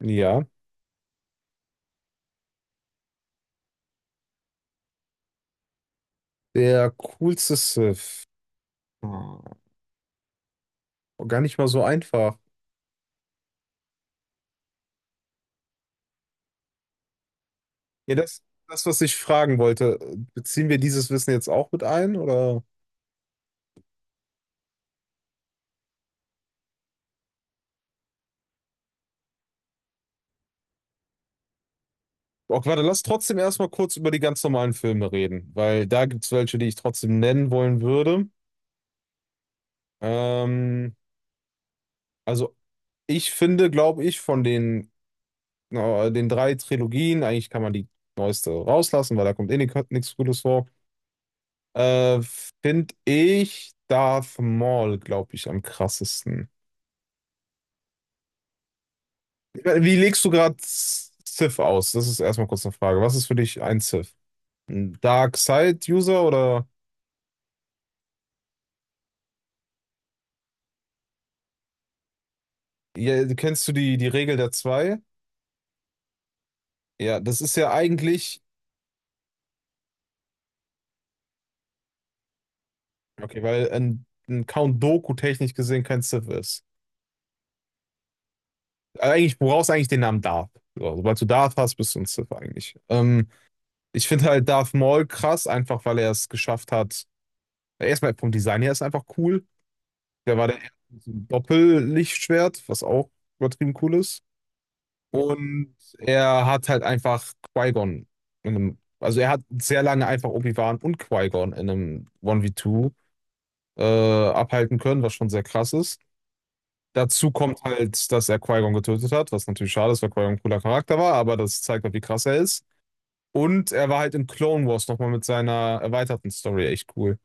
Ja, der coolste Sith. Ah, gar nicht mal so einfach. Ja, das, was ich fragen wollte, beziehen wir dieses Wissen jetzt auch mit ein, oder? Okay, warte, lass trotzdem erstmal kurz über die ganz normalen Filme reden, weil da gibt es welche, die ich trotzdem nennen wollen würde. Ähm, also ich finde, glaube ich, von den drei Trilogien, eigentlich kann man die neueste rauslassen, weil da kommt eh nichts Gutes vor, äh, finde ich Darth Maul, glaube ich, am krassesten. Wie legst du gerade Civ aus? Das ist erstmal kurz eine Frage. Was ist für dich ein Civ? Ein Dark Side User oder ja, kennst du die Regel der zwei? Ja, das ist ja eigentlich, okay, weil ein Count Doku technisch gesehen kein Civ ist. Eigentlich, du brauchst eigentlich den Namen Darth. So, sobald du Darth hast, bist du ein Civ eigentlich. Ich finde halt Darth Maul krass, einfach weil er es geschafft hat. Erstmal vom Design her ist er einfach cool. Der war der erste mit so einem Doppellichtschwert, was auch übertrieben cool ist. Und er hat halt einfach Qui-Gon in einem, also er hat sehr lange einfach Obi-Wan und Qui-Gon in einem 1v2 abhalten können, was schon sehr krass ist. Dazu kommt halt, dass er Qui-Gon getötet hat, was natürlich schade ist, weil Qui-Gon ein cooler Charakter war, aber das zeigt halt, wie krass er ist. Und er war halt in Clone Wars nochmal mit seiner erweiterten Story echt cool.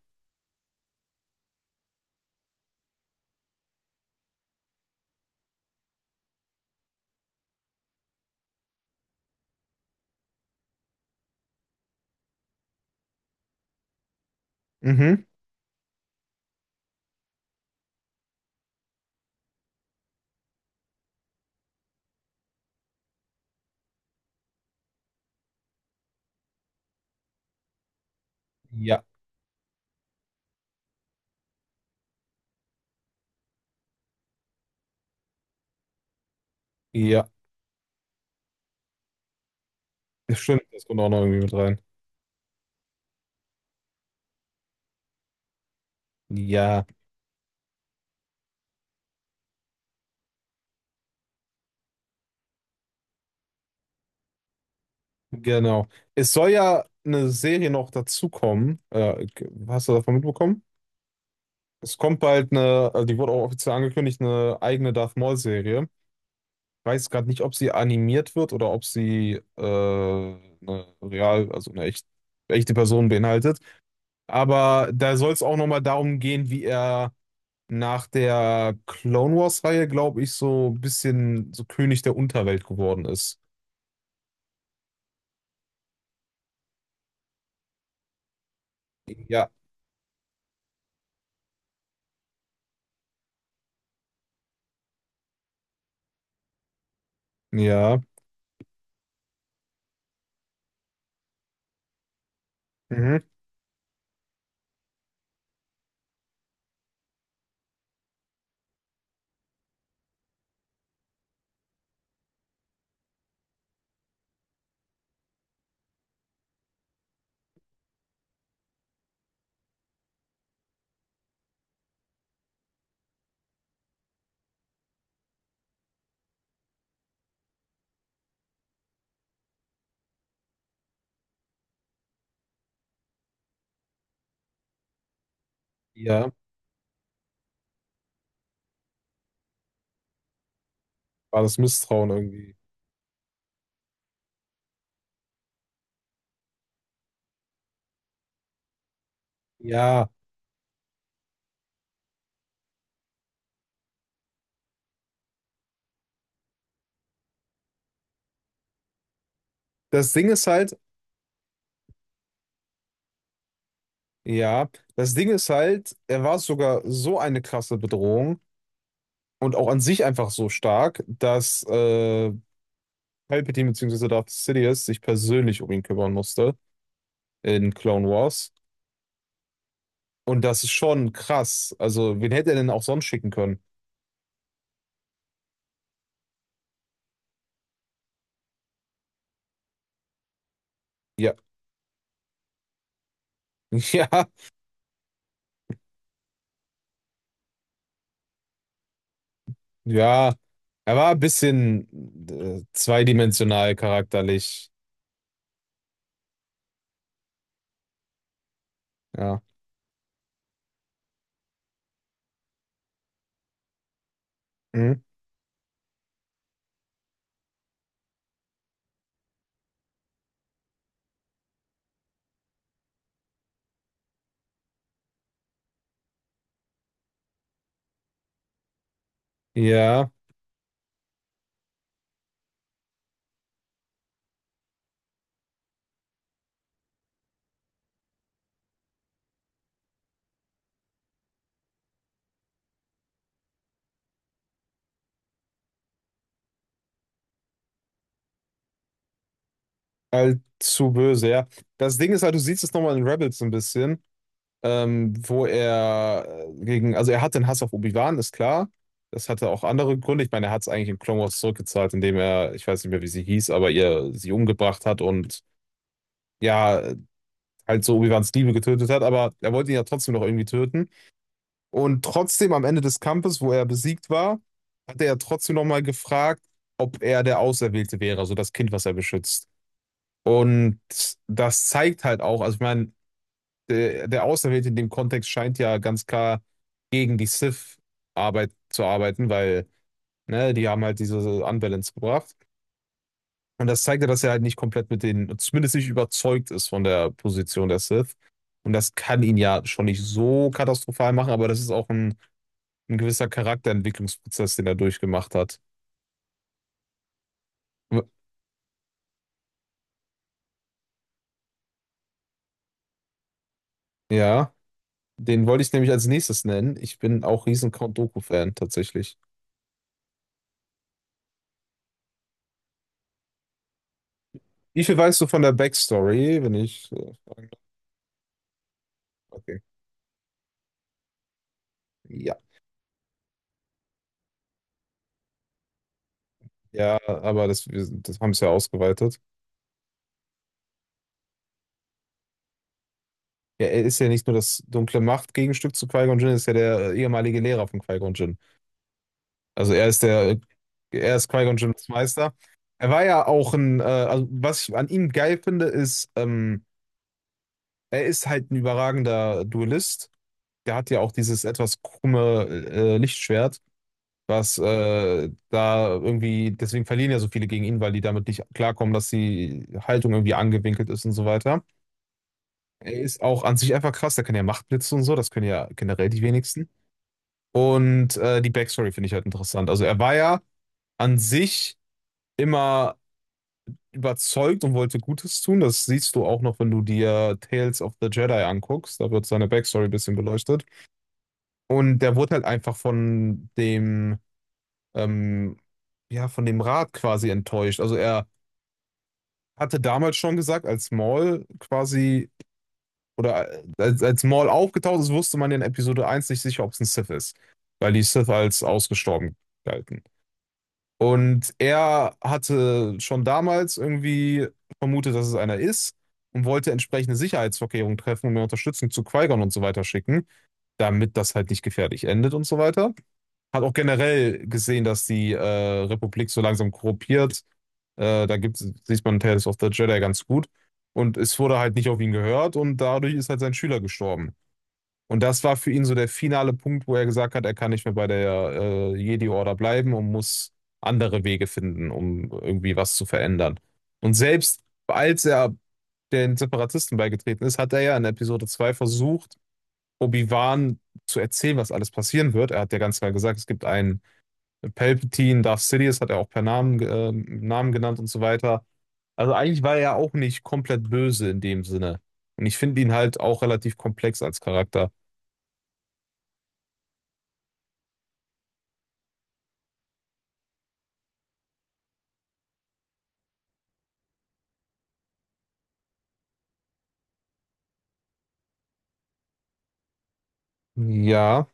Mhm. Ja, ja, stimmt, das kommt auch noch irgendwie mit rein. Ja. Genau. Es soll ja eine Serie noch dazukommen. Hast du davon mitbekommen? Es kommt bald eine, also die wurde auch offiziell angekündigt, eine eigene Darth Maul-Serie. Weiß gerade nicht, ob sie animiert wird oder ob sie also eine echte Person beinhaltet. Aber da soll es auch nochmal darum gehen, wie er nach der Clone Wars-Reihe, glaube ich, so ein bisschen so König der Unterwelt geworden ist. Ja. Ja. Mhm. Ja, war das Misstrauen irgendwie. Ja, das Ding ist halt, ja, er war sogar so eine krasse Bedrohung und auch an sich einfach so stark, dass Palpatine bzw. Darth Sidious sich persönlich um ihn kümmern musste in Clone Wars. Und das ist schon krass. Also, wen hätte er denn auch sonst schicken können? Ja, ja, ja. Er war ein bisschen zweidimensional charakterlich. Ja. Hm? Ja, allzu böse, ja. Das Ding ist halt, du siehst es nochmal in Rebels ein bisschen. Wo er gegen, also er hat den Hass auf Obi-Wan, ist klar. Das hatte auch andere Gründe. Ich meine, er hat es eigentlich in Clone Wars zurückgezahlt, indem er, ich weiß nicht mehr, wie sie hieß, aber ihr sie umgebracht hat und ja, halt so Obi-Wans Liebe getötet hat, aber er wollte ihn ja trotzdem noch irgendwie töten. Und trotzdem am Ende des Kampfes, wo er besiegt war, hat er ja trotzdem nochmal gefragt, ob er der Auserwählte wäre, also das Kind, was er beschützt. Und das zeigt halt auch, also ich meine, der Auserwählte in dem Kontext scheint ja ganz klar gegen die Sith-Arbeit zu arbeiten, weil ne, die haben halt diese Unbalance gebracht. Und das zeigt ja, dass er halt nicht komplett mit den, zumindest nicht überzeugt ist von der Position der Sith. Und das kann ihn ja schon nicht so katastrophal machen, aber das ist auch ein gewisser Charakterentwicklungsprozess, den er durchgemacht hat. W- Ja, den wollte ich nämlich als nächstes nennen. Ich bin auch riesen Count Dooku-Fan tatsächlich. Wie viel weißt du von der Backstory, wenn ich fragen darf? Okay. Ja. Ja, aber das haben es ja ausgeweitet. Ja, er ist ja nicht nur das dunkle Macht-Gegenstück zu Qui-Gon Jinn, er ist ja der ehemalige Lehrer von Qui-Gon Jinn. Also er ist Qui-Gon Jinns Meister. Er war ja auch also was ich an ihm geil finde, ist, er ist halt ein überragender Duellist. Der hat ja auch dieses etwas krumme Lichtschwert, was da irgendwie, deswegen verlieren ja so viele gegen ihn, weil die damit nicht klarkommen, dass die Haltung irgendwie angewinkelt ist und so weiter. Er ist auch an sich einfach krass. Der kann ja Machtblitze und so. Das können ja generell die wenigsten. Und die Backstory finde ich halt interessant. Also er war ja an sich immer überzeugt und wollte Gutes tun. Das siehst du auch noch, wenn du dir Tales of the Jedi anguckst. Da wird seine Backstory ein bisschen beleuchtet. Und der wurde halt einfach ähm, ja, von dem Rat quasi enttäuscht. Also er hatte damals schon gesagt, als Maul quasi oder als, als Maul aufgetaucht ist, wusste man in Episode 1 nicht sicher, ob es ein Sith ist, weil die Sith als ausgestorben galten. Und er hatte schon damals irgendwie vermutet, dass es einer ist und wollte entsprechende Sicherheitsvorkehrungen treffen und mehr Unterstützung zu Qui-Gon und so weiter schicken, damit das halt nicht gefährlich endet und so weiter. Hat auch generell gesehen, dass die Republik so langsam korrumpiert. Da gibt's, sieht man Tales of the Jedi ganz gut. Und es wurde halt nicht auf ihn gehört und dadurch ist halt sein Schüler gestorben. Und das war für ihn so der finale Punkt, wo er gesagt hat, er kann nicht mehr bei der Jedi-Order bleiben und muss andere Wege finden, um irgendwie was zu verändern. Und selbst als er den Separatisten beigetreten ist, hat er ja in Episode 2 versucht, Obi-Wan zu erzählen, was alles passieren wird. Er hat ja ganz klar gesagt, es gibt einen Palpatine, Darth Sidious hat er auch per Namen genannt und so weiter. Also eigentlich war er ja auch nicht komplett böse in dem Sinne. Und ich finde ihn halt auch relativ komplex als Charakter. Ja.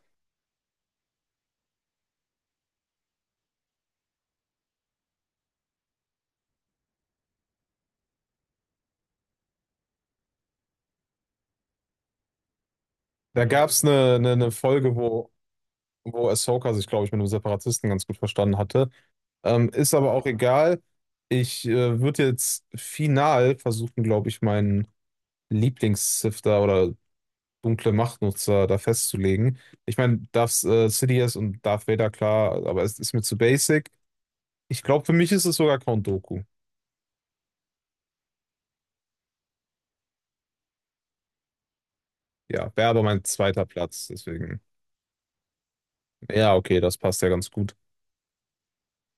Da gab es eine Folge, wo Ahsoka sich, glaube ich, mit einem Separatisten ganz gut verstanden hatte. Ist aber auch egal. Ich würde jetzt final versuchen, glaube ich, meinen Lieblings-Sifter oder dunkle Machtnutzer da festzulegen. Ich meine, Darth Sidious und Darth Vader, klar, aber es ist mir zu basic. Ich glaube, für mich ist es sogar Count Dooku. Ja, wäre aber mein zweiter Platz, deswegen. Ja, okay, das passt ja ganz gut.